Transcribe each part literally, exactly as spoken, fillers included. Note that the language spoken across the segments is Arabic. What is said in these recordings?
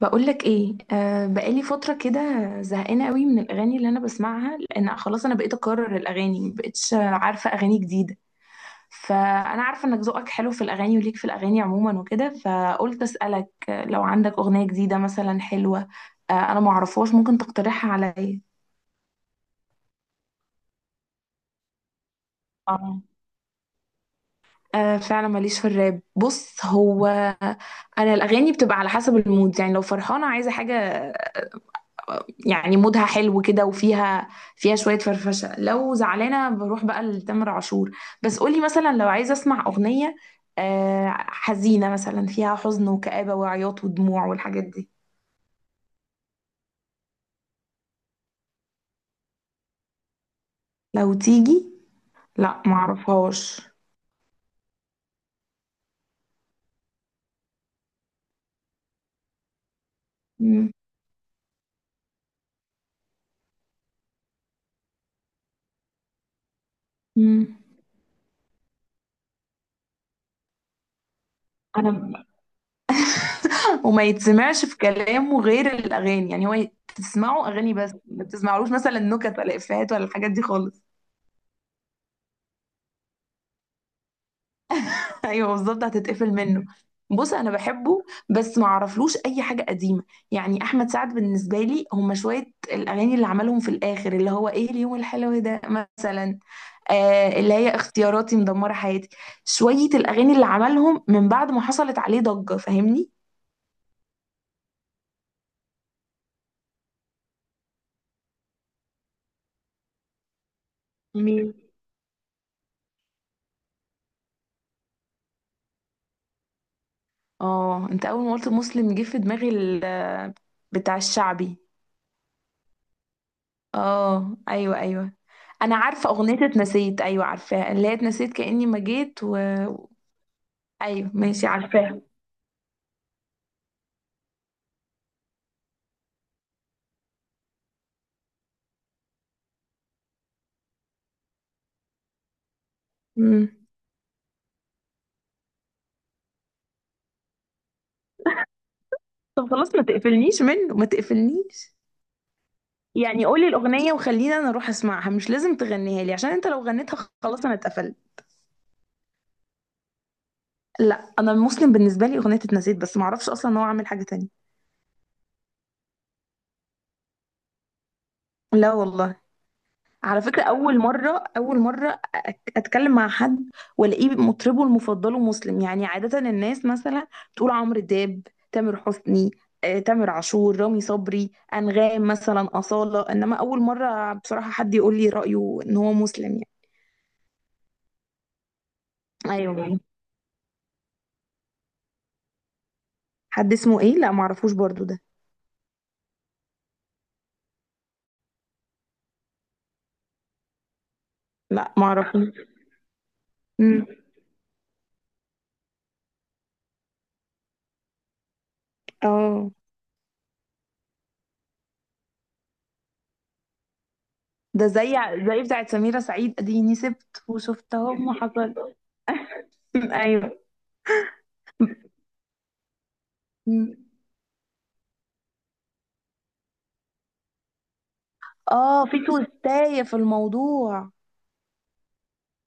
بقولك ايه؟ آه، بقالي فترة كده زهقانة قوي من الأغاني اللي أنا بسمعها، لأن خلاص أنا بقيت أكرر الأغاني، مبقتش عارفة أغاني جديدة. فأنا عارفة إنك ذوقك حلو في الأغاني وليك في الأغاني عموما وكده، فقلت أسألك لو عندك أغنية جديدة مثلا حلوة. آه أنا معرفهاش، ممكن تقترحها عليا. اه. آه فعلا ماليش في الراب. بص، هو انا الاغاني بتبقى على حسب المود، يعني لو فرحانه عايزه حاجه يعني مودها حلو كده، وفيها فيها شوية فرفشة. لو زعلانة بروح بقى لتامر عاشور. بس قولي مثلا لو عايزة اسمع أغنية آه، حزينة مثلا، فيها حزن وكآبة وعياط ودموع والحاجات دي. لو تيجي؟ لا معرفهاش. مم. مم. انا… وما يتسمعش في كلامه غير الاغاني، يعني هو تسمعه اغاني بس ما تسمعلوش مثلا نكت ولا افيهات ولا الحاجات دي خالص. ايوه بالظبط، هتتقفل منه. بص انا بحبه بس ما اعرفلوش اي حاجه قديمه. يعني احمد سعد بالنسبه لي هما شويه الاغاني اللي عملهم في الاخر، اللي هو ايه، اليوم الحلو ده مثلا، آه اللي هي اختياراتي مدمره حياتي، شويه الاغاني اللي عملهم من بعد ما حصلت عليه ضجه، فاهمني؟ مين؟ اه انت اول ما قلت مسلم جه في دماغي ال- بتاع الشعبي. اه ايوه ايوه. انا عارفه اغنيه اتنسيت، ايوه عارفاها، اللي هي اتنسيت كاني ما جيت و… ايوه ماشي عارفاها. امم. طب خلاص، ما تقفلنيش منه ما تقفلنيش يعني قولي الأغنية وخليني أنا أروح أسمعها، مش لازم تغنيها لي، عشان أنت لو غنيتها خلاص أنا اتقفلت. لا أنا المسلم بالنسبة لي أغنية اتنسيت بس، ما أعرفش أصلا إن هو عامل حاجة تانية. لا والله. على فكرة أول مرة، أول مرة أك- أتكلم مع حد وألاقيه مطربه المفضله مسلم. يعني عادة الناس مثلا تقول عمرو دياب، تامر حسني، آه، تامر عاشور، رامي صبري، أنغام مثلا، أصالة، إنما أول مرة بصراحة حد يقول لي رأيه إن هو مسلم يعني. أيوه. حد اسمه إيه؟ لا معرفوش برضو ده. لا معرفوش. مم. اه ده زي زي بتاعت سميرة سعيد، اديني سبت وشفت اهو ما حصل. ايوه. مم. اه، في توستاية في الموضوع.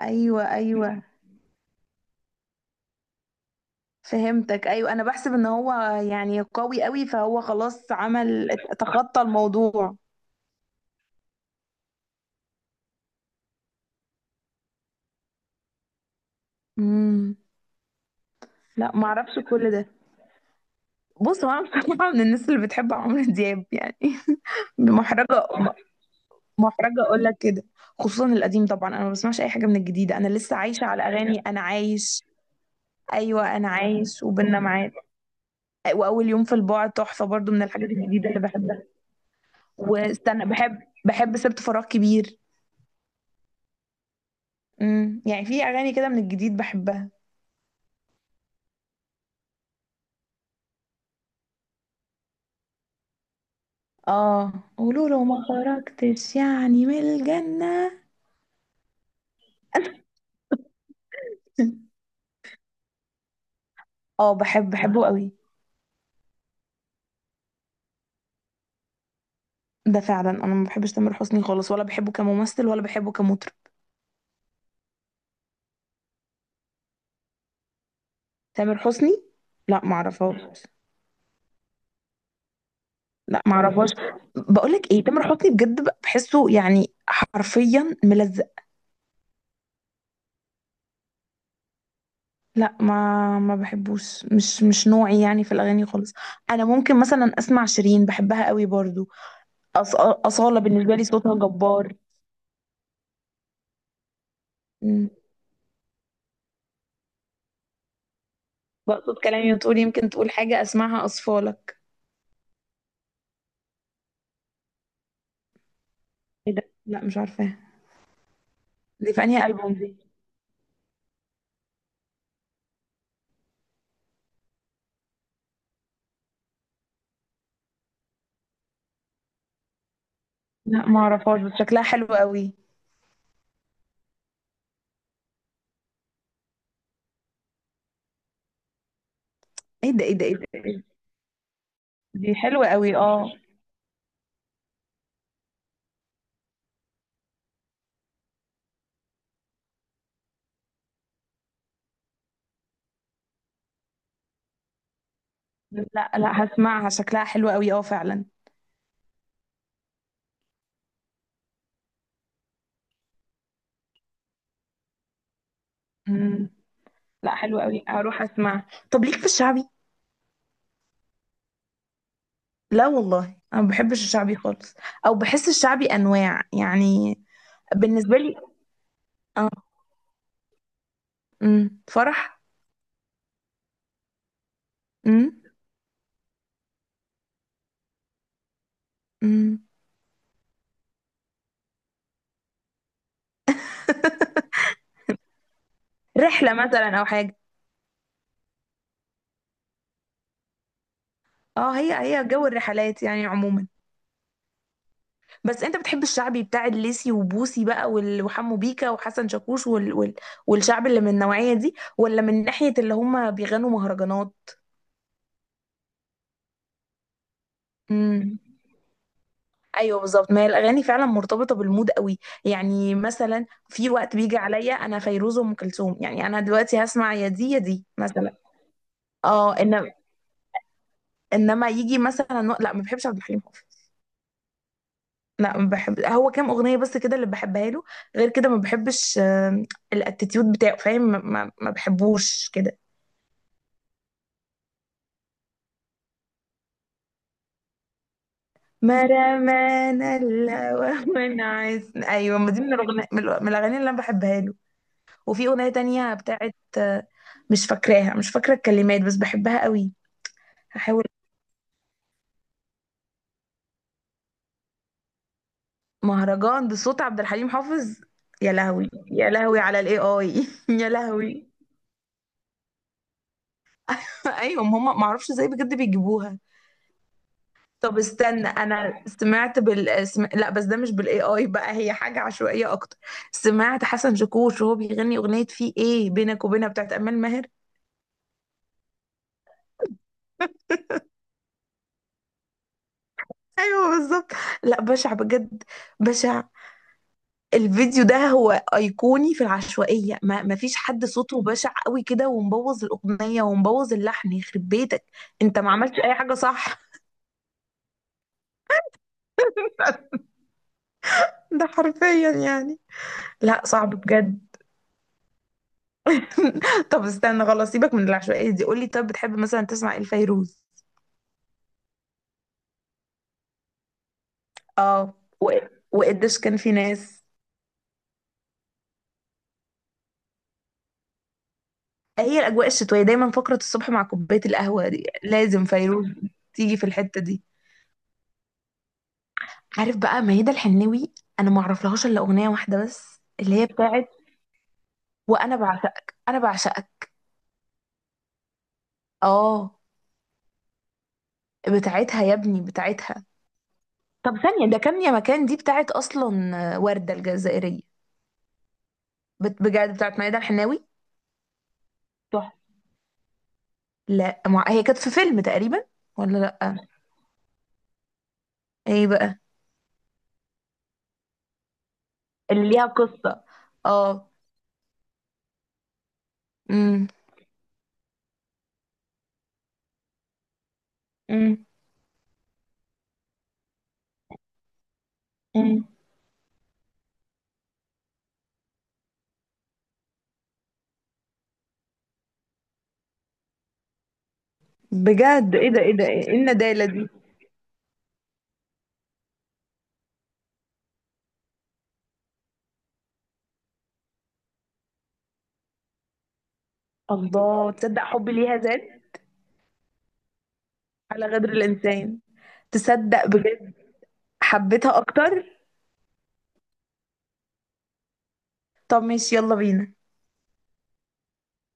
ايوه ايوه. فهمتك، ايوه انا بحسب ان هو يعني قوي قوي، فهو خلاص عمل تخطى الموضوع. امم. لا ما اعرفش كل ده. بص هو انا بصراحه من الناس اللي بتحب عمرو دياب يعني. محرجه، محرجه اقول لك كده. خصوصا القديم طبعا، انا ما بسمعش اي حاجه من الجديده، انا لسه عايشه على اغاني انا عايش. ايوه، انا عايش وبيننا معاد، واول يوم في البعد تحفه برضو، من الحاجات الجديده اللي بحبها. واستنى، بحب بحب سبت فراغ كبير. امم، يعني في اغاني كده من الجديد بحبها. اه قولوا له ما خرجتش يعني من الجنة. اه، بحب بحبه قوي. ده فعلا، انا ما بحبش تامر حسني خالص، ولا بحبه كممثل ولا بحبه كمطرب. تامر حسني؟ لا ما اعرفهاش. لا ما اعرفهاش. بقول لك ايه، تامر حسني بجد بحسه يعني حرفيا ملزق. لا، ما ما بحبوش، مش مش نوعي يعني في الاغاني خالص. انا ممكن مثلا اسمع شيرين، بحبها قوي برضو. أص... أصالة بالنسبة لي صوتها جبار. مم. بقصد كلامي وتقول يمكن تقول حاجة اسمعها أصفالك. ايه ده؟ لا مش عارفاها. دي في انهي ألبوم دي؟ لا ما اعرفهاش بس شكلها حلو قوي. ايه ده ايه ده ايه ده إيه ده؟ دي حلوة قوي اه. لا، لا هسمعها شكلها حلو قوي اه فعلا. مم. لا حلو قوي، هروح اسمعها. طب ليك في الشعبي؟ لا والله انا ما بحبش الشعبي خالص. او بحس الشعبي انواع، يعني بالنسبة لي. مم. فرح. مم. مم. رحلة مثلا او حاجة. اه هي، هي جو الرحلات يعني عموما. بس انت بتحب الشعبي بتاع الليسي وبوسي بقى وال- وحمو بيكا وحسن شاكوش وال... وال... والشعب اللي من النوعية دي، ولا من ناحية اللي هم بيغنوا مهرجانات؟ امم. ايوه بالظبط، ما هي الاغاني فعلا مرتبطه بالمود قوي. يعني مثلا في وقت بيجي عليا انا فيروز وام كلثوم، يعني انا دلوقتي هسمع يا دي يا دي مثلا. اه إن... انما يجي مثلا وق- لا ما بحبش عبد الحليم حافظ. لا ما بحب، هو كام اغنيه بس كده اللي بحبها له، غير كده ما بحبش. آه، الاتيتيود بتاعه، فاهم؟ ما, ما, ما بحبوش كده. ما رمانا الهوى منعس، ايوه ما دي من الاغنيه، من الأ- من الاغاني اللي انا بحبها له. وفي اغنيه تانية بتاعت آه، مش فاكراها، مش فاكره الكلمات بس بحبها قوي. هحاول. مهرجان بصوت عبد الحليم حافظ؟ يا لهوي يا لهوي على الاي اي يا لهوي. ايوه هم، ما اعرفش ازاي بجد بيجيبوها. طب استنى، انا سمعت بال سم... لا بس ده مش بالاي اي بقى، هي حاجه عشوائيه اكتر. سمعت حسن شاكوش وهو بيغني اغنيه في ايه بينك وبينها بتاعت امال ماهر. ايوه بالظبط. لا بشع بجد، بشع. الفيديو ده هو ايقوني في العشوائيه، ما ما فيش حد صوته بشع قوي كده ومبوظ الاغنيه ومبوظ اللحن، يخرب بيتك. انت ما عملتش اي حاجه، صح؟ ده حرفيا يعني. لا صعب بجد. طب استنى، خلاص سيبك من العشوائية دي، قولي طب بتحب مثلا تسمع ايه لفيروز؟ اه، و… وقديش كان في ناس. هي الأجواء الشتوية دايما، فقرة الصبح مع كوباية القهوة دي لازم فيروز تيجي في الحتة دي. عارف بقى ميادة الحناوي؟ أنا ما أعرفلهاش إلا أغنية واحدة بس اللي هي بتاعت وأنا بعشقك، أنا بعشقك. اه بتاعتها يا ابني بتاعتها. طب ثانية، ده كان يا مكان دي بتاعت أصلا وردة الجزائرية؟ بت- بجد بتاعت ميادة الحناوي؟ لا مع... هي كانت في فيلم تقريبا. ولا لا. ايه بقى؟ اللي ليها قصة. اه. امم. امم. امم. بجد، ايه ده ايه ده ايه إيه الندالة دي؟ الله، تصدق حبي ليها زاد. على غدر الانسان. تصدق بجد، حبيتها اكتر. طب ماشي، يلا بينا.